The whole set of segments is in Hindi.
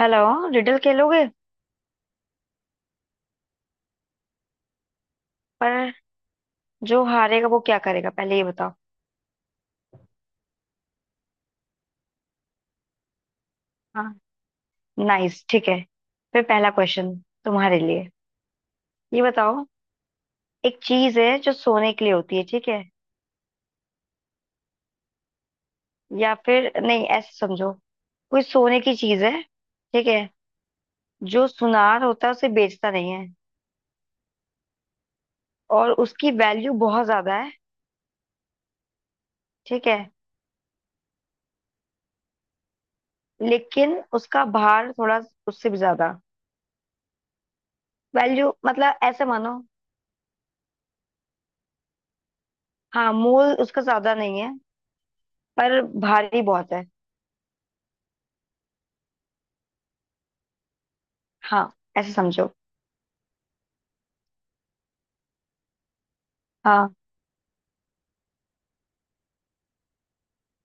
हेलो। रिडल खेलोगे? पर जो हारेगा वो क्या करेगा पहले ये बताओ। हाँ, नाइस, ठीक है। फिर पहला क्वेश्चन तुम्हारे लिए। ये बताओ, एक चीज है जो सोने के लिए होती है, ठीक है? या फिर नहीं, ऐसे समझो, कोई सोने की चीज है, ठीक है? जो सुनार होता है उसे बेचता नहीं है, और उसकी वैल्यू बहुत ज्यादा है, ठीक है। लेकिन उसका भार थोड़ा उससे भी ज्यादा। वैल्यू मतलब ऐसे मानो, हाँ, मोल उसका ज्यादा नहीं है, पर भारी बहुत है। हाँ, ऐसे समझो। हाँ,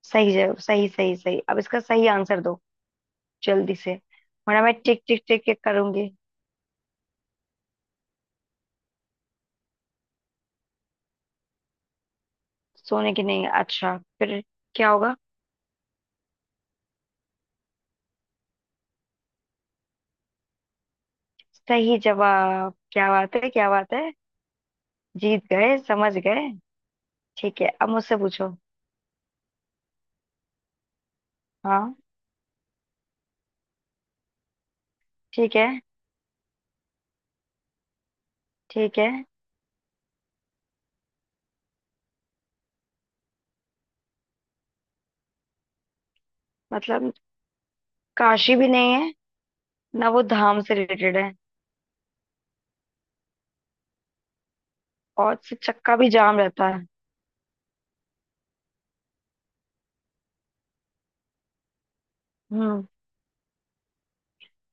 सही जवाब, सही सही सही, अब इसका सही आंसर दो जल्दी से, वरना मैं टिक टिक टिक टिक करूंगी। सोने की नहीं? अच्छा, फिर क्या होगा? सही जवाब, क्या बात है, क्या बात है, जीत गए, समझ गए। ठीक है, अब मुझसे पूछो। हाँ। ठीक है, ठीक है, मतलब काशी भी नहीं है, ना वो धाम से रिलेटेड है, और से चक्का भी जाम रहता है। हम्म।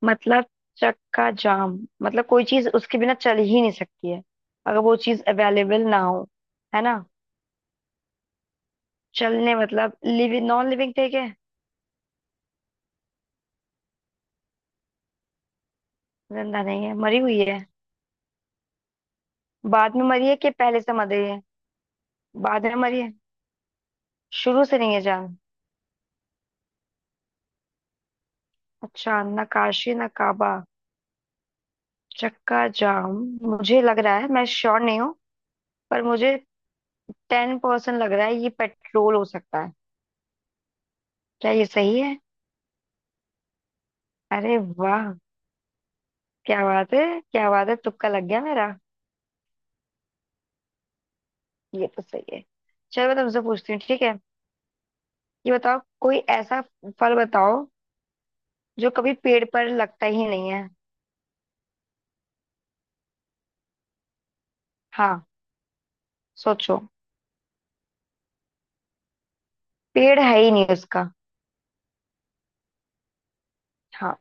मतलब चक्का जाम, मतलब कोई चीज उसके बिना चल ही नहीं सकती है अगर वो चीज अवेलेबल ना हो, है ना? चलने मतलब लिविंग नॉन लिविंग थिंग है? जिंदा नहीं है, मरी हुई है? बाद में मरी है कि पहले से मरी है? बाद में मरी है? शुरू से नहीं है जान? अच्छा, नक्काशी नकाबा चक्का जाम, मुझे लग रहा है, मैं श्योर नहीं हूँ, पर मुझे 10% लग रहा है ये पेट्रोल हो सकता है। क्या ये सही है? अरे वाह, क्या बात है, क्या बात है, तुक्का लग गया मेरा। ये तो सही है। चलो मैं तुमसे पूछती हूँ, ठीक है? ये बताओ, कोई ऐसा फल बताओ जो कभी पेड़ पर लगता ही नहीं है। हाँ, सोचो। पेड़ है ही नहीं उसका। हाँ,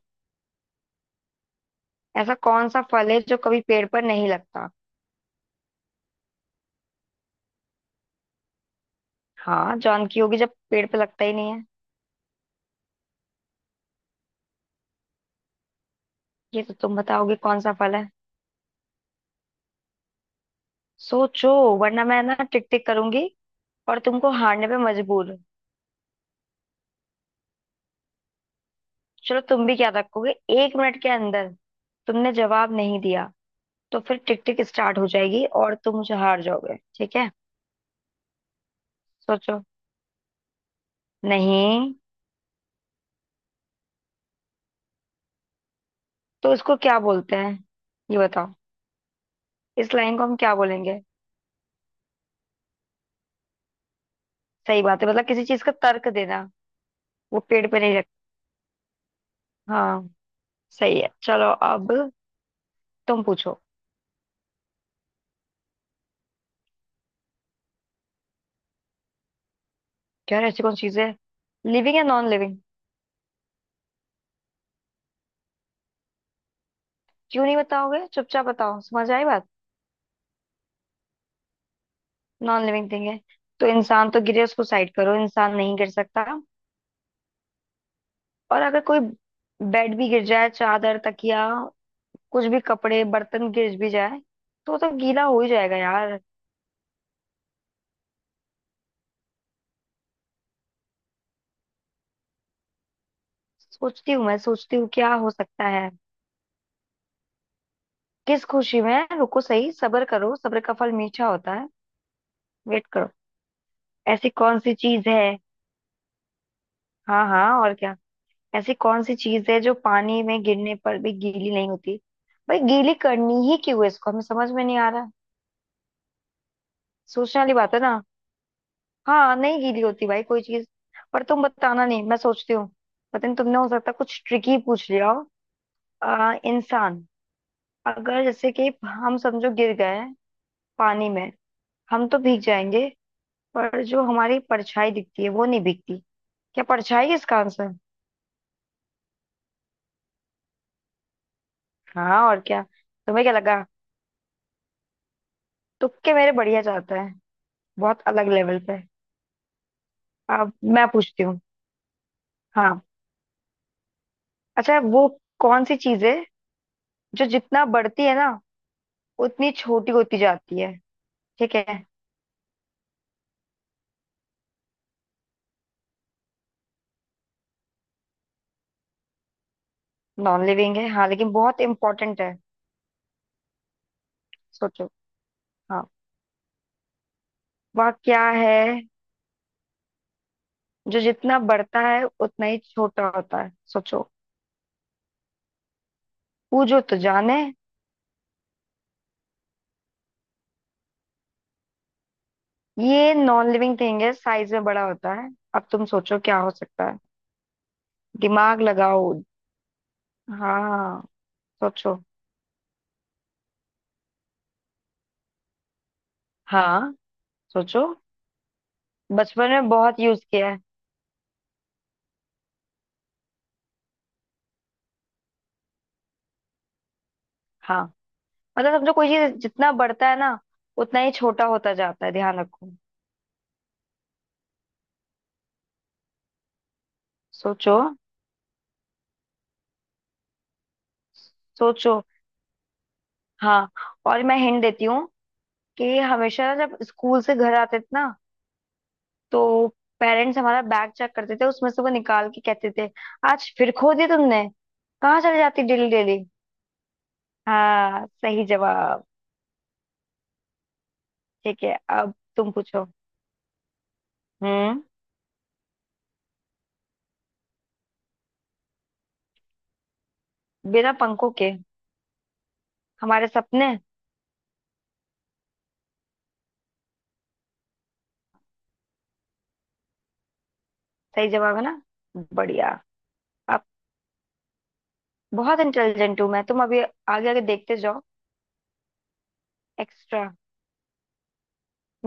ऐसा कौन सा फल है जो कभी पेड़ पर नहीं लगता? हाँ, जॉन की होगी जब पेड़ पर लगता ही नहीं है। ये तो तुम बताओगे कौन सा फल है, सोचो, वरना मैं ना टिक टिक करूंगी और तुमको हारने पे मजबूर। चलो तुम भी क्या रखोगे, एक मिनट के अंदर तुमने जवाब नहीं दिया तो फिर टिक टिक स्टार्ट हो जाएगी और तुम मुझे हार जाओगे, ठीक है? सोचो। नहीं। तो इसको क्या बोलते हैं, ये बताओ, इस लाइन को हम क्या बोलेंगे। सही बात है, मतलब किसी चीज का तर्क देना। वो पेड़ पे नहीं रख, हाँ, सही है। चलो अब तुम पूछो। क्या ऐसी कौन चीज है? लिविंग या नॉन लिविंग? क्यों नहीं बताओगे, चुपचाप बताओ, समझ आई बात? नॉन लिविंग थिंग है, तो इंसान तो गिरे उसको साइड करो, इंसान नहीं गिर सकता। और अगर कोई बेड भी गिर जाए, चादर, तकिया, कुछ भी, कपड़े, बर्तन गिर भी जाए तो वो तो गीला हो ही जाएगा यार। सोचती हूँ, मैं सोचती हूँ क्या हो सकता है। किस खुशी में? रुको, सही, सब्र करो, सब्र का फल मीठा होता है, वेट करो। ऐसी कौन सी चीज है? हाँ हाँ, और क्या? ऐसी कौन सी चीज है जो पानी में गिरने पर भी गीली नहीं होती? भाई गीली करनी ही क्यों है इसको, हमें समझ में नहीं आ रहा है। सोचने वाली बात है ना, हाँ, नहीं गीली होती भाई कोई चीज। पर तुम बताना नहीं, मैं सोचती हूँ। पता नहीं तुमने हो सकता है कुछ ट्रिकी पूछ लिया हो। इंसान, अगर जैसे कि हम समझो गिर गए पानी में, हम तो भीग जाएंगे, पर जो हमारी परछाई दिखती है वो नहीं भीगती। क्या परछाई है इसका आंसर? हाँ, और क्या? तुम्हें क्या लगा, तुक्के मेरे बढ़िया जाता है, बहुत अलग लेवल पे। अब मैं पूछती हूँ। हाँ, अच्छा, वो कौन सी चीज है जो जितना बढ़ती है ना, उतनी छोटी होती जाती है, ठीक है? नॉन लिविंग है हाँ, लेकिन बहुत इंपॉर्टेंट है। सोचो। हाँ, वह क्या है? जो जितना बढ़ता है उतना ही छोटा होता है, सोचो। पूछो तो जाने। ये नॉन लिविंग थिंग है, साइज में बड़ा होता है, अब तुम सोचो क्या हो सकता है, दिमाग लगाओ। हाँ, सोचो। हाँ, सोचो। बचपन में बहुत यूज किया है। हाँ, मतलब समझो कोई चीज जितना बढ़ता है ना, उतना ही छोटा होता जाता है, ध्यान रखो। सोचो। सोचो। हाँ, और मैं हिंट देती हूँ कि हमेशा ना, जब स्कूल से घर आते थे ना, तो पेरेंट्स हमारा बैग चेक करते थे, उसमें से वो निकाल के कहते थे, आज फिर खो दिया तुमने, कहाँ चले जाती डेली डेली। हाँ, सही जवाब। ठीक है, अब तुम पूछो। हम्म, बिना पंखों के? हमारे सपने। सही जवाब है ना? बढ़िया। अब बहुत इंटेलिजेंट हूं मैं, तुम अभी आगे आगे देखते जाओ। एक्स्ट्रा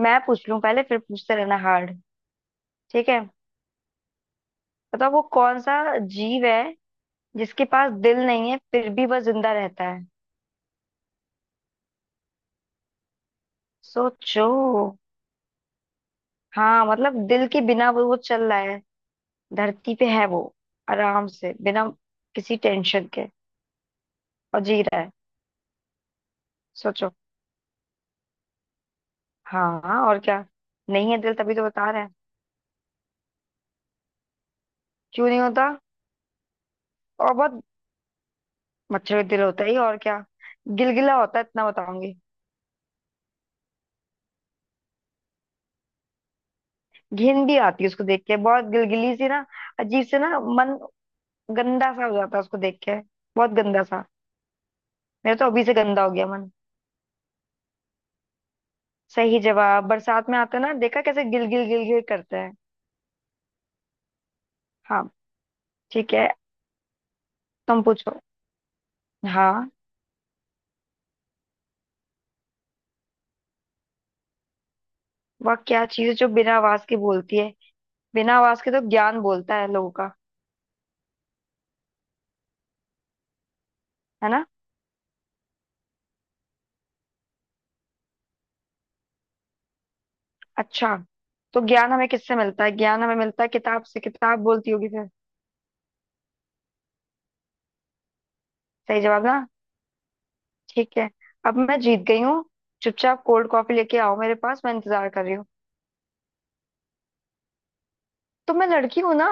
मैं पूछ लूं पहले, फिर पूछते रहना हार्ड। ठीक है, बताओ, वो कौन सा जीव है जिसके पास दिल नहीं है फिर भी वह जिंदा रहता है? सोचो। हाँ, मतलब दिल के बिना वो चल रहा है, धरती पे है वो, आराम से बिना किसी टेंशन के और जी रहा है। सोचो। हाँ हाँ, और क्या? नहीं है दिल, तभी तो बता रहे हैं। क्यों नहीं होता? और बहुत। मच्छर का दिल होता ही, और क्या। गिलगिला होता है, इतना बताऊंगी। घिन भी आती है उसको देख के, बहुत गिलगिली सी ना, अजीब से ना, मन गंदा सा हो जाता है उसको देख के, बहुत गंदा सा, मेरा तो अभी से गंदा हो गया मन। सही जवाब, बरसात में आते हैं ना, देखा कैसे गिल गिल गिल गिल करते हैं। हाँ, ठीक है, तुम पूछो। हाँ, वह क्या चीज़ है जो बिना आवाज के बोलती है? बिना आवाज के तो ज्ञान बोलता है लोगों का, है ना? अच्छा, तो ज्ञान हमें किससे मिलता है? ज्ञान हमें मिलता है किताब से, किताब बोलती होगी फिर। सही जवाब ना? ठीक है, अब मैं जीत गई हूँ, चुपचाप कोल्ड कॉफी लेके आओ मेरे पास, मैं इंतजार कर रही हूँ। तो मैं लड़की हूँ ना,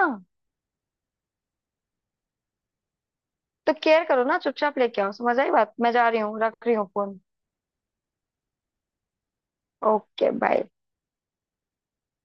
तो केयर करो ना, चुपचाप लेके आओ, समझ आई बात? मैं जा रही हूँ, रख रही हूँ फोन। Okay bye.